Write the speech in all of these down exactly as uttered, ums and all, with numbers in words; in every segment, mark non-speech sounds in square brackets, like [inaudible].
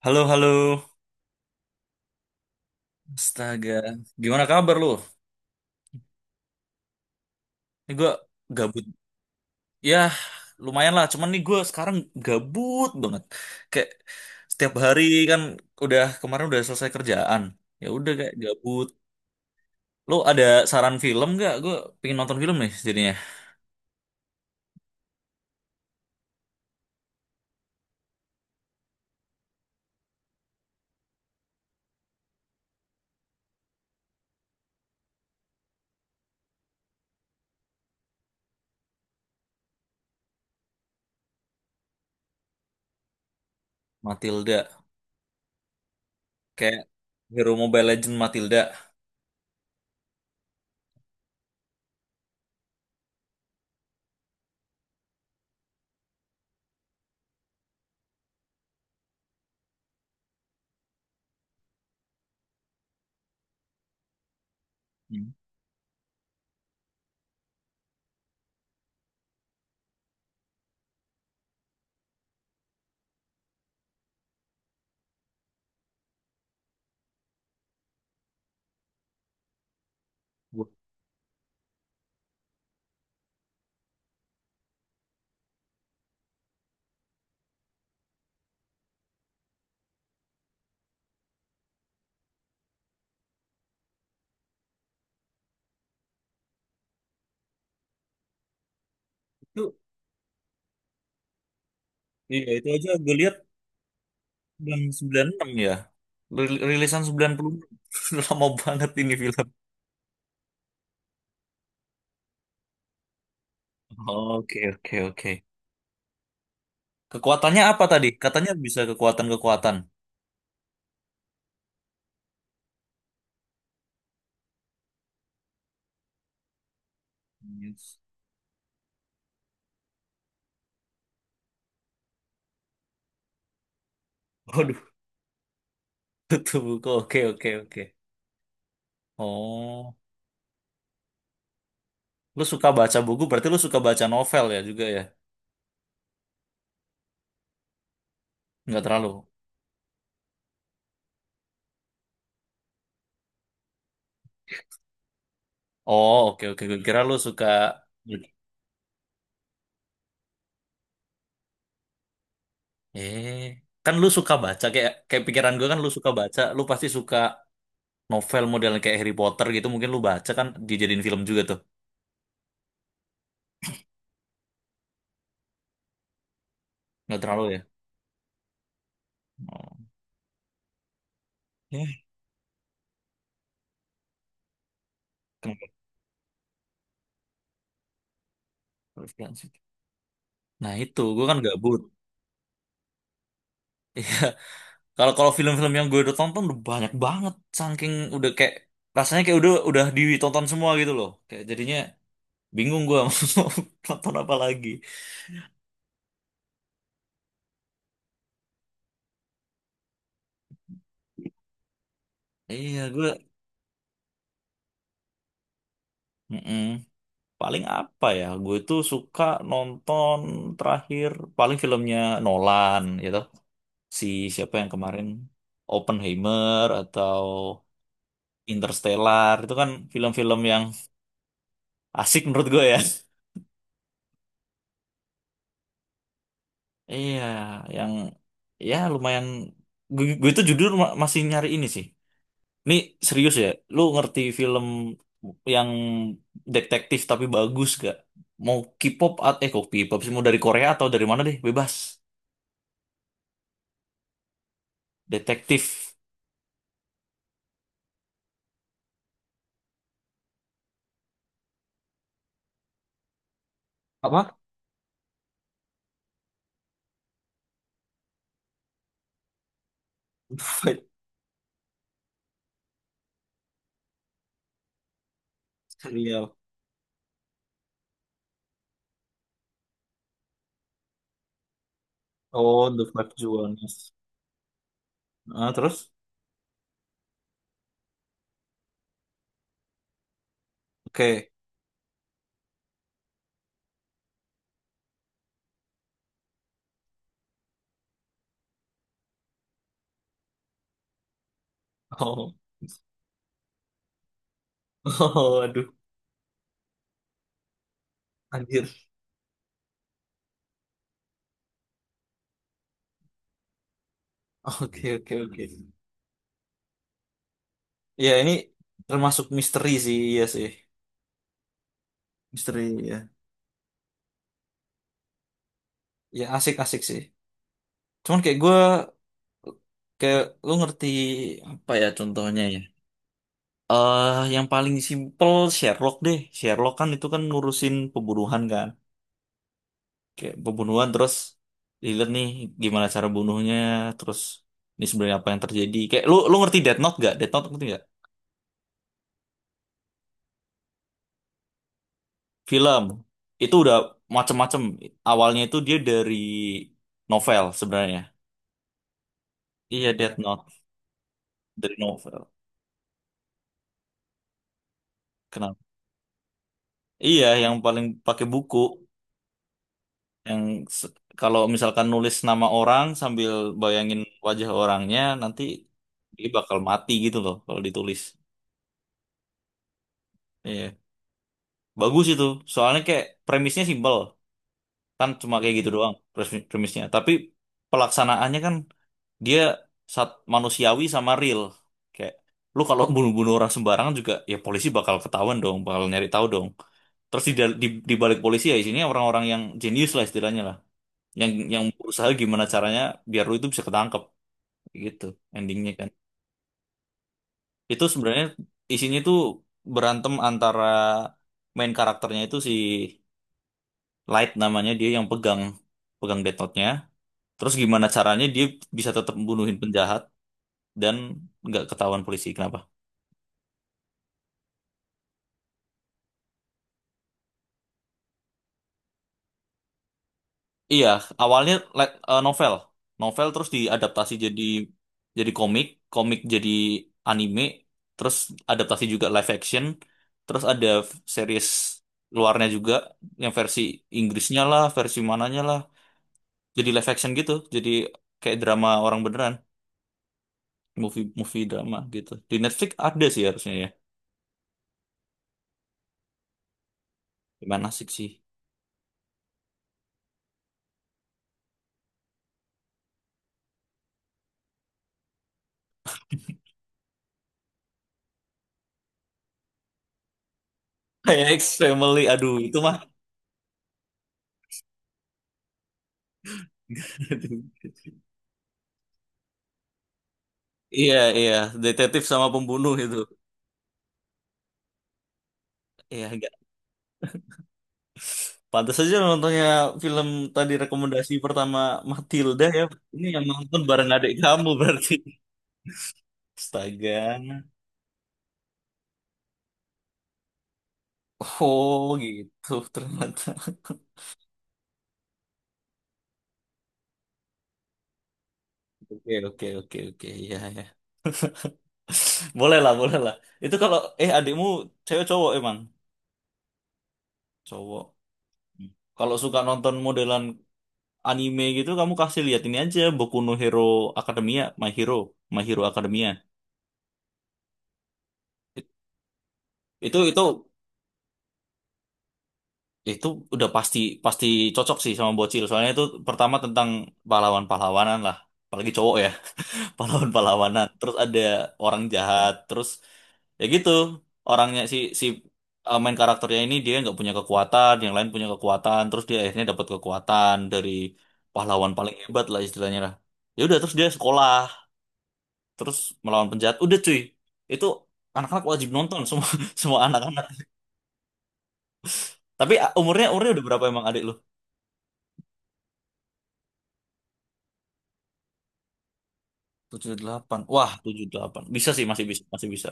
Halo, halo. Astaga. Gimana kabar lu? Ini gue gabut. Ya, lumayan lah. Cuman nih gue sekarang gabut banget. Kayak setiap hari kan udah kemarin udah selesai kerjaan. Ya udah kayak gabut. Lu ada saran film gak? Gue pengen nonton film nih jadinya. Matilda. Kayak Hero Mobile Legend Matilda. Hmm. Gua Itu, iya itu aja gue lihat tahun seribu sembilan ratus sembilan puluh enam ya. Ril- Rilisan sembilan puluh enam. [laughs] Lama banget ini film. Oke, oke, oke. Kekuatannya apa tadi? Katanya bisa kekuatan-kekuatan. Yes. Waduh, [laughs] tutup buku. Oke, oke, oke. Oh, lu suka baca buku, berarti lu suka baca novel ya juga ya? Nggak terlalu. Oh, oke, oke. Gue kira lu suka... Eh, kan lu suka baca. Kayak, kayak pikiran gue kan lu suka baca. Lu pasti suka novel model kayak Harry Potter gitu. Mungkin lu baca kan dijadiin film juga tuh. Nggak terlalu ya? Oh. Ya, kenapa? Referensi. Nah itu, gue kan gabut. [laughs] Kalau kalau film-film yang gue udah tonton udah banyak banget, saking udah kayak rasanya kayak udah udah ditonton semua gitu loh. Kayak jadinya bingung gue [laughs] mau nonton apa lagi. Iya gue, mm-mm. Paling apa ya? Gue tuh suka nonton terakhir paling filmnya Nolan gitu. Si Siapa yang kemarin Oppenheimer atau Interstellar itu kan film-film yang asik menurut gue ya. [laughs] Iya, yang ya lumayan. Gue, gue itu jujur ma- masih nyari ini sih. Ini serius ya. Lu ngerti film yang detektif tapi bagus gak? Mau K-pop at- eh kok K-pop sih mau dari Korea atau dari mana deh? Bebas. Detektif. Apa? [laughs] Fight serial. Oh, The Five Jewels. Ah, terus? Oke. Oh. Oh, aduh, anjir. Oke, oke, oke. Ya, ini termasuk misteri sih, iya sih. Misteri, ya. Ya asik-asik sih, cuman kayak gue kayak lu ngerti apa ya contohnya ya eh yang paling simpel Sherlock deh, Sherlock kan itu kan ngurusin pembunuhan kan, kayak pembunuhan terus dilihat nih gimana cara bunuhnya, terus ini sebenarnya apa yang terjadi. Kayak lu lu ngerti Death Note gak? Death Note ngerti gak? Film itu udah macem-macem. Awalnya itu dia dari novel sebenarnya. Iya, Death Note dari novel. Kenapa? Iya, yang paling pakai buku, yang se- kalau misalkan nulis nama orang sambil bayangin wajah orangnya, nanti dia bakal mati gitu loh kalau ditulis. Iya. Bagus itu. Soalnya kayak premisnya simpel. Kan cuma kayak gitu doang premis- premisnya. Tapi pelaksanaannya kan dia saat manusiawi sama real. Kayak lu kalau bunuh-bunuh orang sembarangan juga ya polisi bakal ketahuan dong, bakal nyari tahu dong. Terus di, dal- di, di balik polisi ya isinya orang-orang yang jenius lah istilahnya lah. Yang yang berusaha gimana caranya biar lu itu bisa ketangkep gitu endingnya kan. Itu sebenarnya isinya tuh berantem antara main karakternya itu si Light namanya, dia yang pegang pegang Death Note-nya. Terus gimana caranya dia bisa tetap membunuhin penjahat dan nggak ketahuan polisi. Kenapa? Iya, awalnya le- eh, novel, novel terus diadaptasi jadi jadi komik, komik jadi anime, terus adaptasi juga live action, terus ada f- series luarnya juga yang versi Inggrisnya lah, versi mananya lah, jadi live action gitu, jadi kayak drama orang beneran, movie movie drama gitu. Di Netflix ada sih harusnya ya, gimana asik sih. [laughs] Kayak X Family, aduh itu mah, [laughs] iya, iya, detektif sama pembunuh itu, iya. Pantas saja lo nontonnya film tadi rekomendasi pertama Matilda ya. Ini yang nonton bareng adik kamu berarti. [laughs] Astaga. Oh gitu ternyata. Oke, oke, oke, oke, ya, ya. [laughs] Boleh lah, boleh lah. Itu kalau eh adikmu cewek cowok emang cowok. Hmm. Kalau suka nonton modelan anime gitu kamu kasih lihat ini aja Boku no Hero Academia, My Hero, My Hero Academia. It- Itu itu Itu udah pasti pasti cocok sih sama bocil. Soalnya itu pertama tentang pahlawan-pahlawanan lah. Apalagi cowok ya, [laughs] pahlawan-pahlawanan. Terus ada orang jahat, terus ya gitu. Orangnya si si eh, main karakternya ini dia nggak punya kekuatan, yang lain punya kekuatan, terus dia akhirnya dapat kekuatan dari pahlawan paling hebat lah istilahnya lah. Ya udah terus dia sekolah, terus melawan penjahat. Udah cuy. Itu anak-anak wajib nonton semua, [laughs] semua anak-anak. Tapi ah, umurnya umurnya udah berapa emang adik lu? Tujuh delapan, wah, tujuh delapan bisa sih, masih bisa, masih bisa.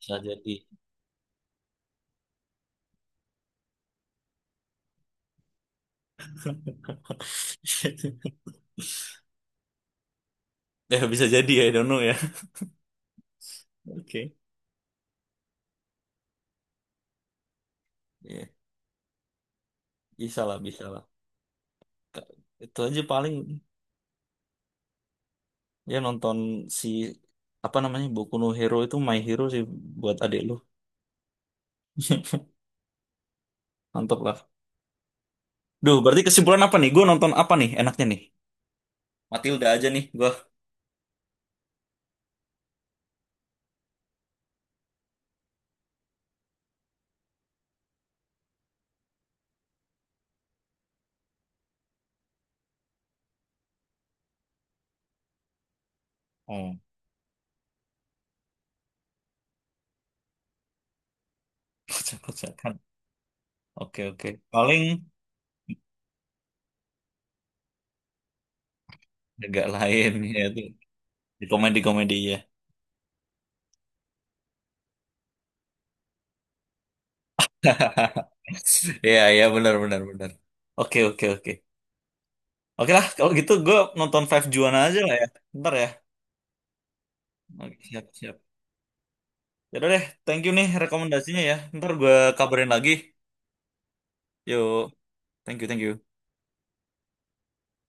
Bisa jadi. [laughs] Ya, bisa jadi ya, I don't know ya. Oke. Ya, bisa lah, bisa lah. Ka- Itu aja paling ya nonton si apa namanya Boku no Hero, itu My Hero sih buat adik lu. [laughs] Mantap lah. Duh, berarti kesimpulan apa nih? Gue nonton apa nih enaknya nih? Matilda aja nih gua. Oh, [laughs] kocak-kocakan. Oke, oke. Paling agak lain ya itu. Di komedi-komedi ya. [laughs] Iya, iya, benar, benar, benar. Oke, oke, oke. Oke lah, kalau gitu gue nonton Five Juana aja lah ya. Ntar ya. Oke, siap, siap. Yaudah deh, thank you nih rekomendasinya ya. Ntar gue kabarin lagi. Yuk, thank you, thank you.